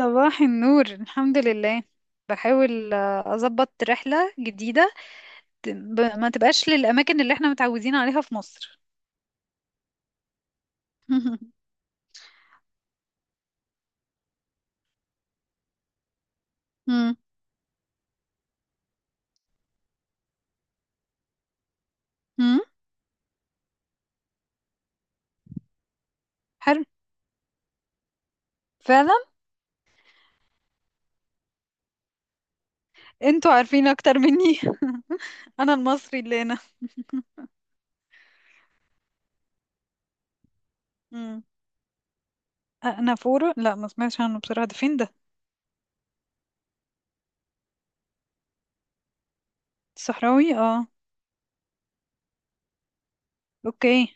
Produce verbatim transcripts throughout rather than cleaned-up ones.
صباح النور، الحمد لله. بحاول آه، أظبط رحلة جديدة. ت- ب- ما تبقاش للأماكن اللي احنا متعودين عليها في مصر. مم. مم. حلو، فعلا. انتوا عارفين أكتر مني. أنا المصري اللي هنا. مم. أنا فورو؟ لا، ما سمعتش عنه بصراحة. ده فين ده؟ الصحراوي، اه. اوكي.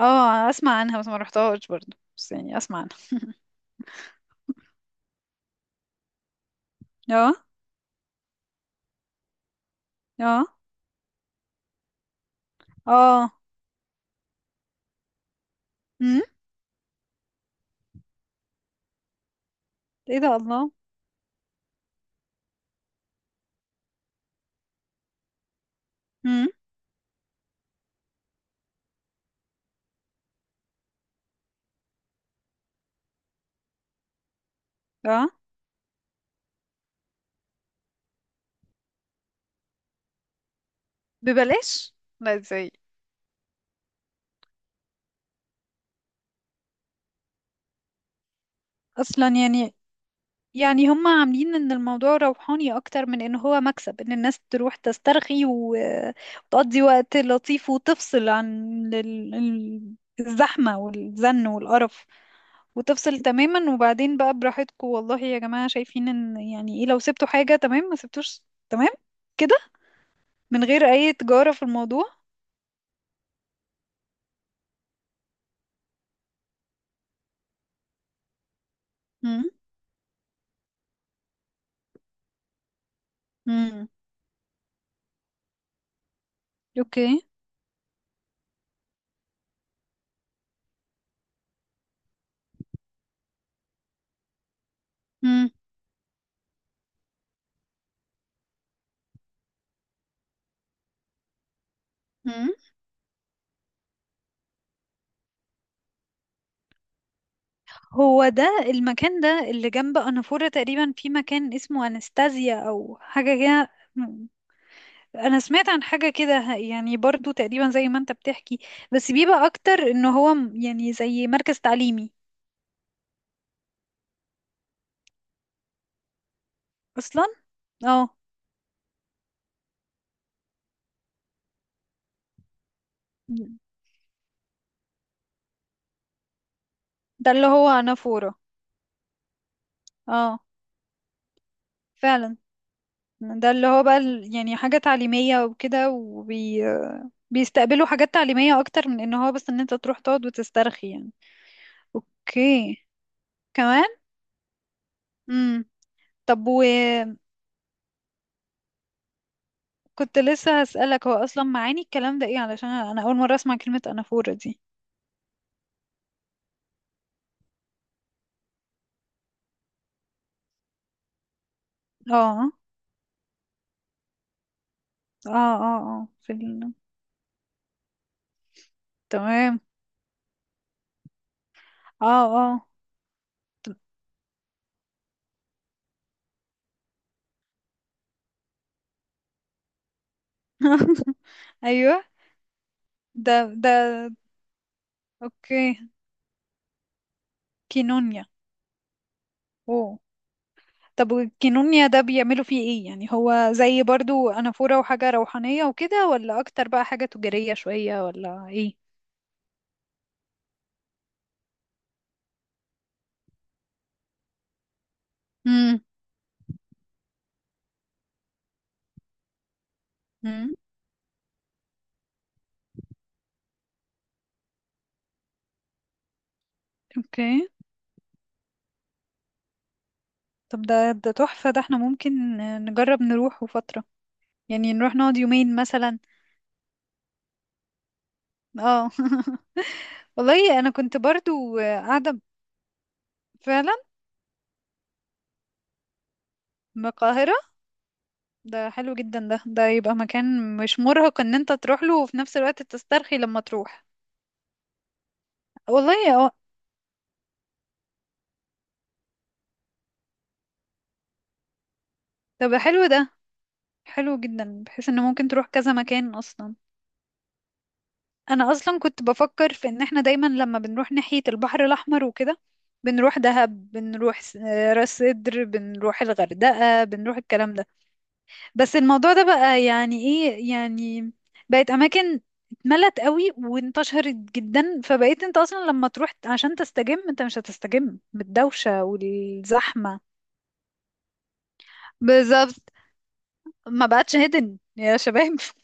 اه، أسمع عنها بس ما رحتهاش برضه، بس يعني أسمع عنها. اه، اه، اه. مم. ايه ده، الله. مم. اه. ببلاش. لا، ازاي؟ اصلا، يعني. يعني هم عاملين ان الموضوع روحاني اكتر من ان هو مكسب، ان الناس تروح تسترخي و- وتقضي وقت لطيف وتفصل عن ال- ال- الزحمة والزن والقرف، وتفصل تماما. وبعدين بقى براحتكم والله يا جماعة، شايفين ان يعني ايه؟ لو سبتوا حاجة، تمام؛ ما سبتوش، تمام كده. من غير اي تجارة في الموضوع. امم. امم. اوكي. امم. هو ده المكان ده اللي جنب أنافورة تقريبا، في مكان اسمه أنستازيا أو حاجة كده. م- أنا سمعت عن حاجة كده، ه- يعني برضو تقريبا زي ما أنت بتحكي، بس بيبقى أكتر إن هو م- يعني زي مركز تعليمي أصلا. اه، ده اللي هو أنافورة. اه، فعلا. ده اللي هو بقى ال- يعني حاجة تعليمية وكده، وبي بيستقبلوا حاجات تعليمية أكتر من إن هو بس إن أنت تروح تقعد وتسترخي يعني. أوكي. كمان. امم. طب، و كنت لسه هسألك، هو أصلا معاني الكلام ده ايه؟ علشان أنا أول مرة أسمع كلمة أنافورة دي. اه، اه، اه، اه، في ال... تمام. اه. اه. أيوه. ده ده. اوكي. كينونيا. اوه. طب، والكينونيا ده بيعملوا فيه ايه يعني؟ هو زي برضو أنافورة وحاجة روحانية وكده، ولا أكتر بقى حاجة تجارية شوية، ولا ايه؟ امم. امم. اوكي. طب، ده ده تحفة، ده احنا ممكن نجرب نروحه فترة، يعني نروح نقعد يومين مثلا. اه. والله انا كنت برضو قاعده. فعلا. من القاهره. ده حلو جدا، ده ده يبقى مكان مش مرهق ان انت تروح له وفي نفس الوقت تسترخي لما تروح. والله، اه. طب، حلو ده. حلو جدا، بحيث ان ممكن تروح كذا مكان اصلا. انا اصلا كنت بفكر في ان احنا دايما لما بنروح ناحيه البحر الاحمر وكده، بنروح دهب، بنروح س- راس سدر، بنروح الغردقه، بنروح الكلام ده. بس الموضوع ده بقى يعني ايه يعني، بقت اماكن اتملت قوي وانتشرت جدا، فبقيت انت اصلا لما تروح عشان تستجم، انت مش هتستجم بالدوشة والزحمة. بالظبط. ما بقتش هيدن يا شباب.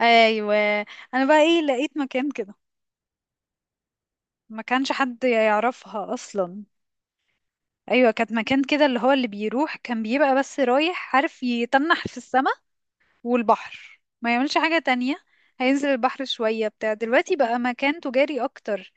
ايوه. انا بقى ايه، لقيت مكان كده ما كانش حد يعرفها اصلا. ايوه، كانت مكان كده اللي هو اللي بيروح كان بيبقى بس رايح عارف يتنح في السما والبحر، ما يعملش حاجة تانية. هينزل البحر شوية. بتاع دلوقتي بقى مكان تجاري أكتر،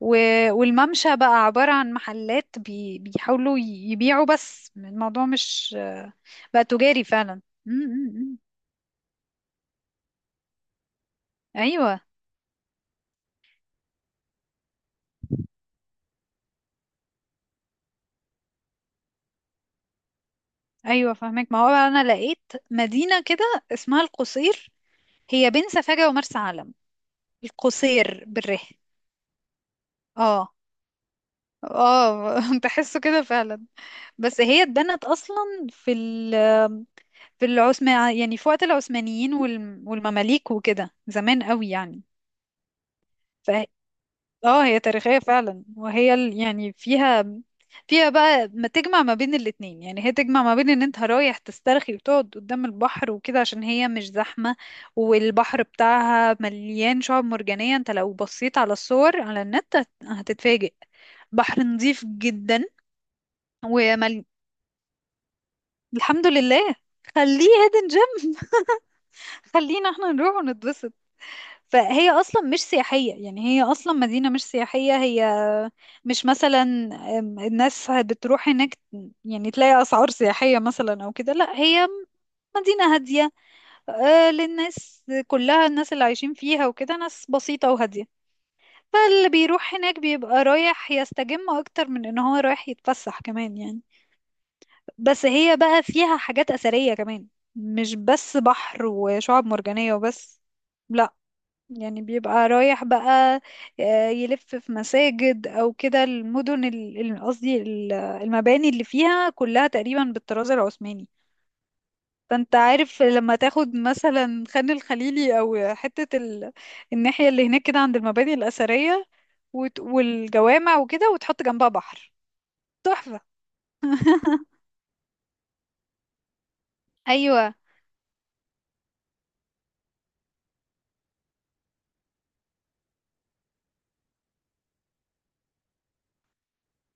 و... والممشى بقى عبارة عن محلات بي... بيحاولوا ي- يبيعوا، بس الموضوع مش بقى تجاري فعلا. م- م- م. أيوة، أيوة، فاهمك. ما هو بقى أنا لقيت مدينة كده اسمها القصير. هي بين سفاجة ومرسى علم. القصير بالره. اه، اه. تحسه كده فعلا. بس هي اتبنت اصلا في في العثمان، يعني في وقت العثمانيين وال- والمماليك وكده، زمان قوي يعني. ف اه، هي تاريخية فعلا، وهي ال- يعني فيها فيها بقى ما تجمع ما بين الاتنين، يعني هي تجمع ما بين ان انت رايح تسترخي وتقعد قدام البحر وكده، عشان هي مش زحمة. والبحر بتاعها مليان شعاب مرجانية، انت لو بصيت على الصور على النت هت- هتتفاجئ. بحر نظيف جدا ومل... الحمد لله. خليه هيدن جيم، خلينا احنا نروح ونتبسط. فهي اصلا مش سياحيه، يعني هي اصلا مدينه مش سياحيه، هي مش مثلا أم، الناس بتروح هناك يعني تلاقي اسعار سياحيه مثلا او كده، لا، هي مدينه هاديه، آه، للناس كلها. الناس اللي عايشين فيها وكده ناس بسيطه وهاديه، فاللي بيروح هناك بيبقى رايح يستجم اكتر من ان هو رايح يتفسح كمان يعني. بس هي بقى فيها حاجات اثريه كمان، مش بس بحر وشعاب مرجانيه وبس، لا. يعني بيبقى رايح بقى آه، يلف في مساجد او كده. المدن ال- ال- قصدي ال- المباني اللي فيها كلها تقريبا بالطراز العثماني. فانت عارف لما تاخد مثلا خان الخليلي او حتة ال... الناحية اللي هناك كده عند المباني الأثرية وت... والجوامع وكده، وتحط جنبها بحر. تحفة. ايوه.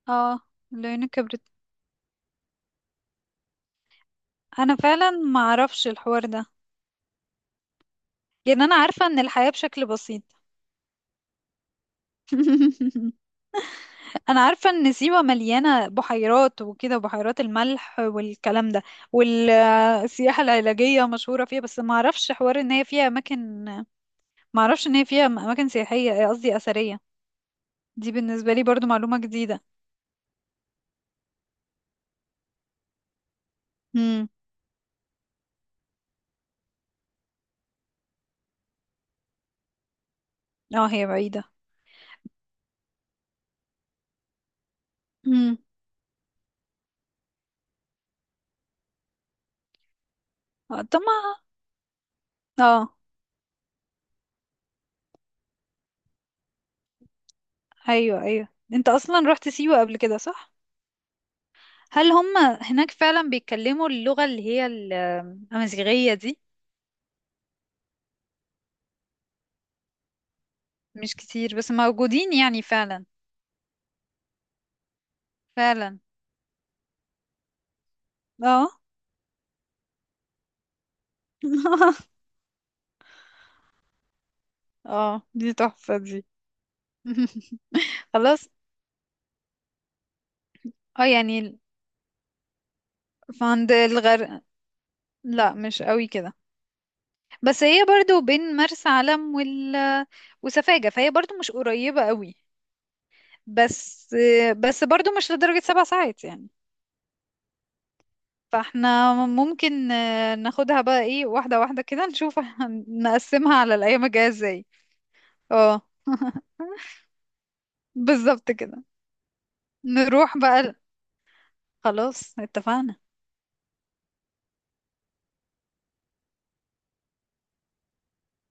اه، العيون كبرت. انا فعلا ما اعرفش الحوار ده. يعني انا عارفة ان الحياة بشكل بسيط. انا عارفه ان سيوه مليانه بحيرات وكده، وبحيرات الملح والكلام ده، والسياحه العلاجيه مشهوره فيها، بس ما اعرفش حوار ان هي فيها اماكن. ما اعرفش ان هي فيها اماكن سياحيه، قصدي اثريه. دي بالنسبه لي برضو معلومه جديده. امم. اه، هي بعيده. امم. آه، طب ما... اه. ايوه، ايوه، انت اصلا رحت سيوه قبل كده، صح؟ هل هم هناك فعلا بيتكلموا اللغه اللي هي ال- الامازيغيه دي؟ مش كتير بس موجودين يعني، فعلا. فعلا. اه. اه، دي تحفة دي. خلاص. اه، يعني فعند الغرب، لا مش قوي كده، بس هي برضو بين مرسى علم وال... وسفاجة، فهي برضو مش قريبة قوي، بس بس برضو مش لدرجة سبع ساعات يعني. فاحنا ممكن آه، ناخدها بقى ايه، واحدة واحدة كده نشوف. هن- نقسمها على الأيام الجاية ازاي. اه. بالظبط كده. نروح بقى ال- خلاص، اتفقنا.